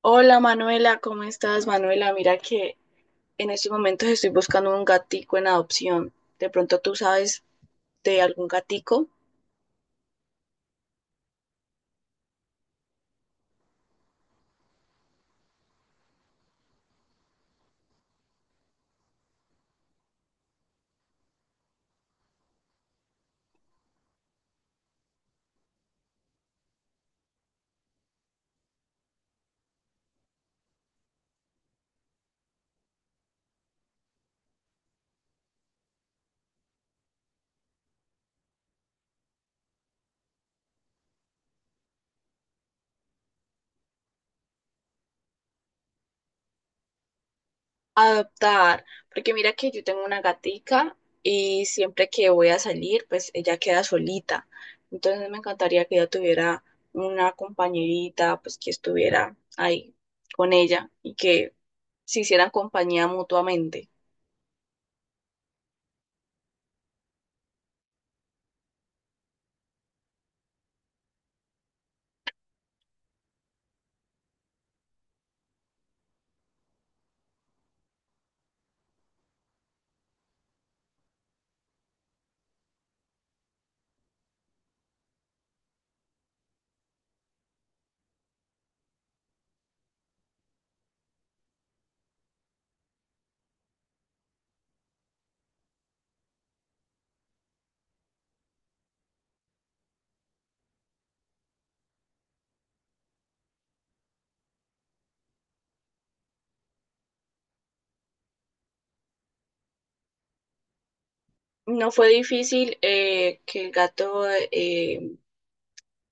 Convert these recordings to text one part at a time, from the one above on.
Hola Manuela, ¿cómo estás Manuela? Mira que en estos momentos estoy buscando un gatico en adopción. De pronto tú sabes de algún gatico adoptar, porque mira que yo tengo una gatica y siempre que voy a salir, pues ella queda solita. Entonces me encantaría que ella tuviera una compañerita, pues que estuviera ahí con ella y que se hicieran compañía mutuamente. No fue difícil que el gato eh,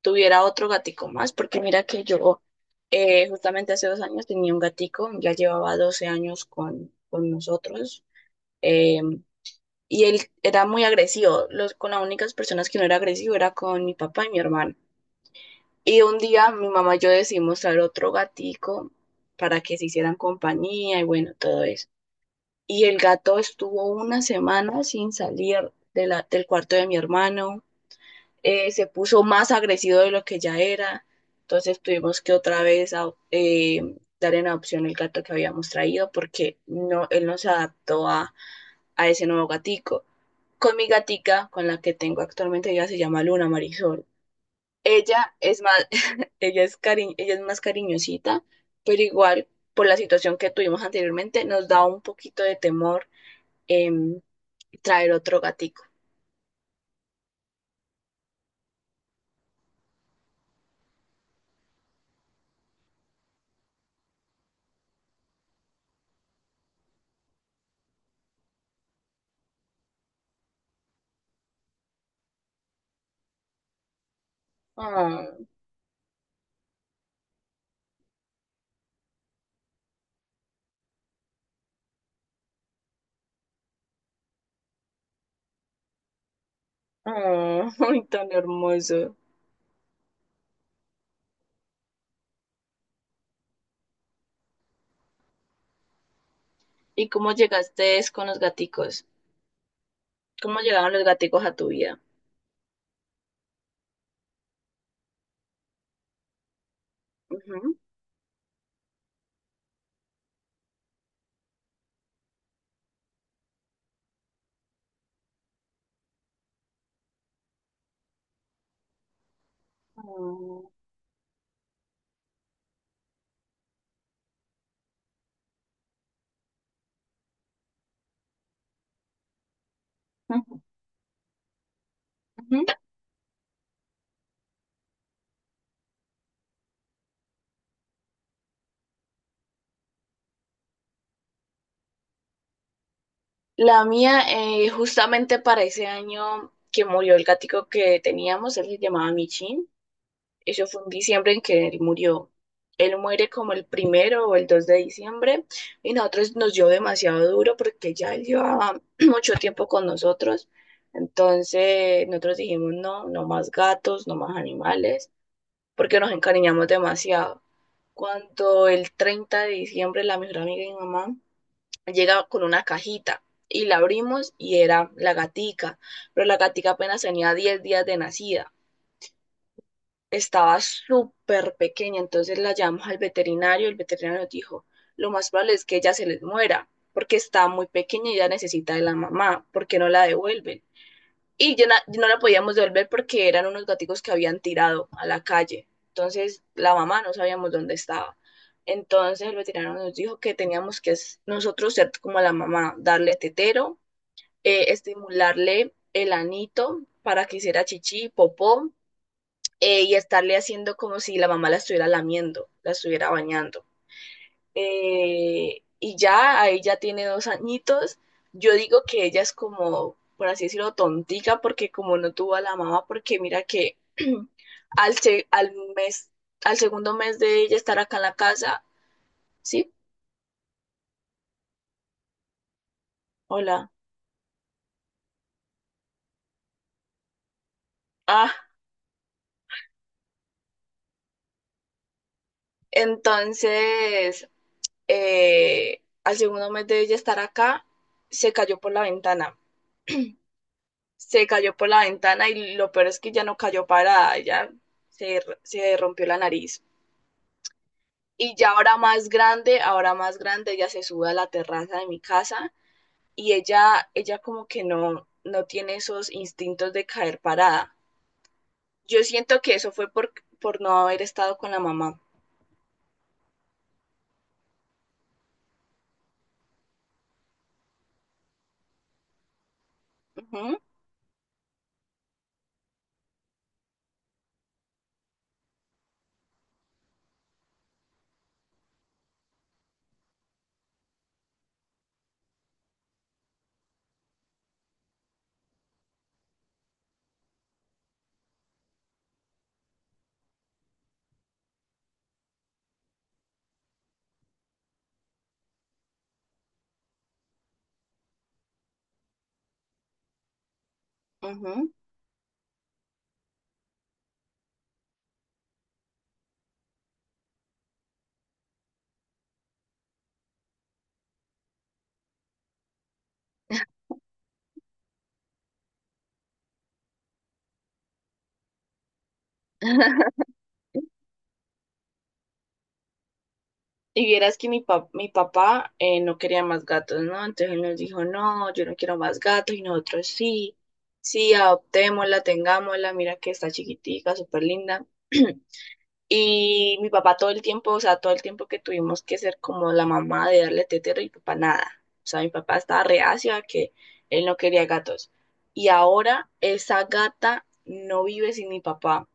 tuviera otro gatico más, porque mira que yo justamente hace 2 años tenía un gatico, ya llevaba 12 años con nosotros, eh, y él era muy agresivo. Los, con las únicas personas que no era agresivo era con mi papá y mi hermano. Y un día mi mamá y yo decidimos traer otro gatico para que se hicieran compañía y bueno, todo eso. Y el gato estuvo una semana sin salir del cuarto de mi hermano, se puso más agresivo de lo que ya era. Entonces tuvimos que otra vez dar en adopción el gato que habíamos traído porque no, él no se adaptó a ese nuevo gatico. Con mi gatica, con la que tengo actualmente, ella se llama Luna Marisol. Ella es más, ella es más cariñosita, pero igual por la situación que tuvimos anteriormente nos da un poquito de temor em, traer otro gatico. Oh, oh. Ay, tan hermoso. ¿Y cómo llegaste es con los gaticos? ¿Cómo llegaron los gaticos a tu vida? Ujú. Mm, ujú, ujú. La mía, justamente para ese año que murió el gatico que teníamos, él se llamaba Michin. Eso fue en diciembre en que él murió. Él muere como el primero o el 2 de diciembre y nosotros nos dio demasiado duro porque ya él llevaba mucho tiempo con nosotros. Entonces nosotros dijimos, no, no más gatos, no más animales, porque nos encariñamos demasiado. Cuando el 30 de diciembre la mejor amiga de mi mamá llega con una cajita y la abrimos y era la gatica, pero la gatica apenas tenía 10 días de nacida. Estaba súper pequeña, entonces la llamamos al veterinario, el veterinario nos dijo, lo más probable es que ella se les muera porque está muy pequeña y ya necesita de la mamá, porque no la devuelven y yo, no la podíamos devolver porque eran unos gaticos que habían tirado a la calle. Entonces la mamá no sabíamos dónde estaba. Entonces el veterinario nos dijo que teníamos que nosotros ser como la mamá, darle tetero, estimularle el anito para que hiciera chichi, popó, y estarle haciendo como si la mamá la estuviera lamiendo, la estuviera bañando, y ya, ahí ya tiene 2 añitos. Yo digo que ella es como, por así decirlo, tontica, porque como no tuvo a la mamá, porque mira que al mes, al segundo mes de ella estar acá en la casa. ¿Sí? Hola. Ah, entonces, al segundo mes de ella estar acá, se cayó por la ventana. Se cayó por la ventana y lo peor es que ya no cayó parada, ya se rompió la nariz. Y ya ahora más grande, ella se sube a la terraza de mi casa y ella como que no, no tiene esos instintos de caer parada. Yo siento que eso fue por no haber estado con la mamá. Ujú, ujú. Y vieras que mi papá no quería más gatos, ¿no? Entonces él nos dijo, no, yo no quiero más gatos y nosotros sí, sí, adoptémosla, tengámosla, mira que está chiquitica, súper linda. Y mi papá todo el tiempo, o sea, todo el tiempo que tuvimos que ser como la mamá de darle tetero y papá nada. O sea, mi papá estaba reacio a que él no quería gatos. Y ahora esa gata no vive sin mi papá.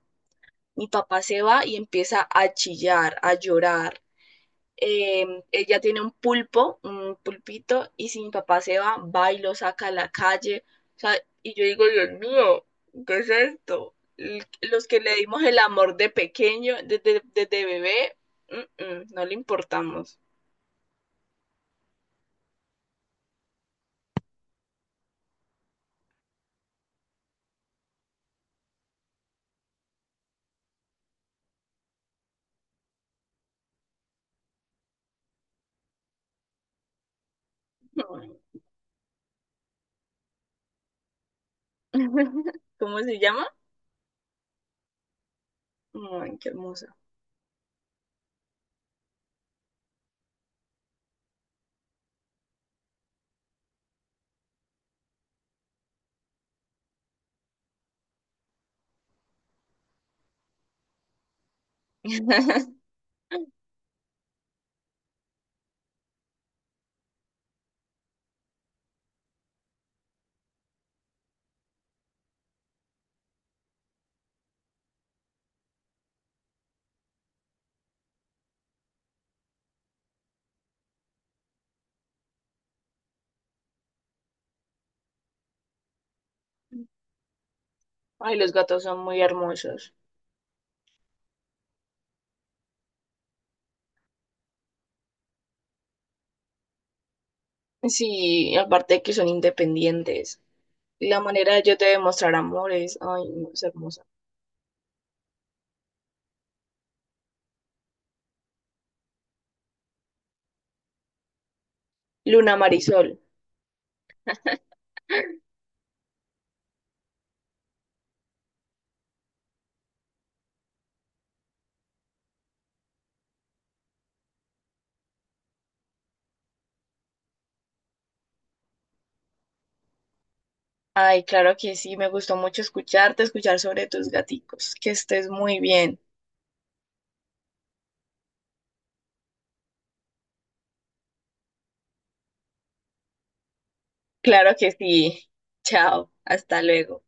Mi papá se va y empieza a chillar, a llorar, ella tiene un pulpo, un pulpito, y si mi papá se va, va y lo saca a la calle. O sea, y yo digo, Dios mío, ¿qué es esto? Los que le dimos el amor de pequeño, desde bebé, no le importamos. Ay. ¿Cómo se llama? Ay, qué hermosa. Ay, los gatos son muy hermosos. Sí, aparte de que son independientes. La manera de yo te demostrar amor es, ay, no, es hermosa. Luna Marisol. Ay, claro que sí, me gustó mucho escucharte, escuchar sobre tus gaticos. Que estés muy bien. Claro que sí. Chao, hasta luego.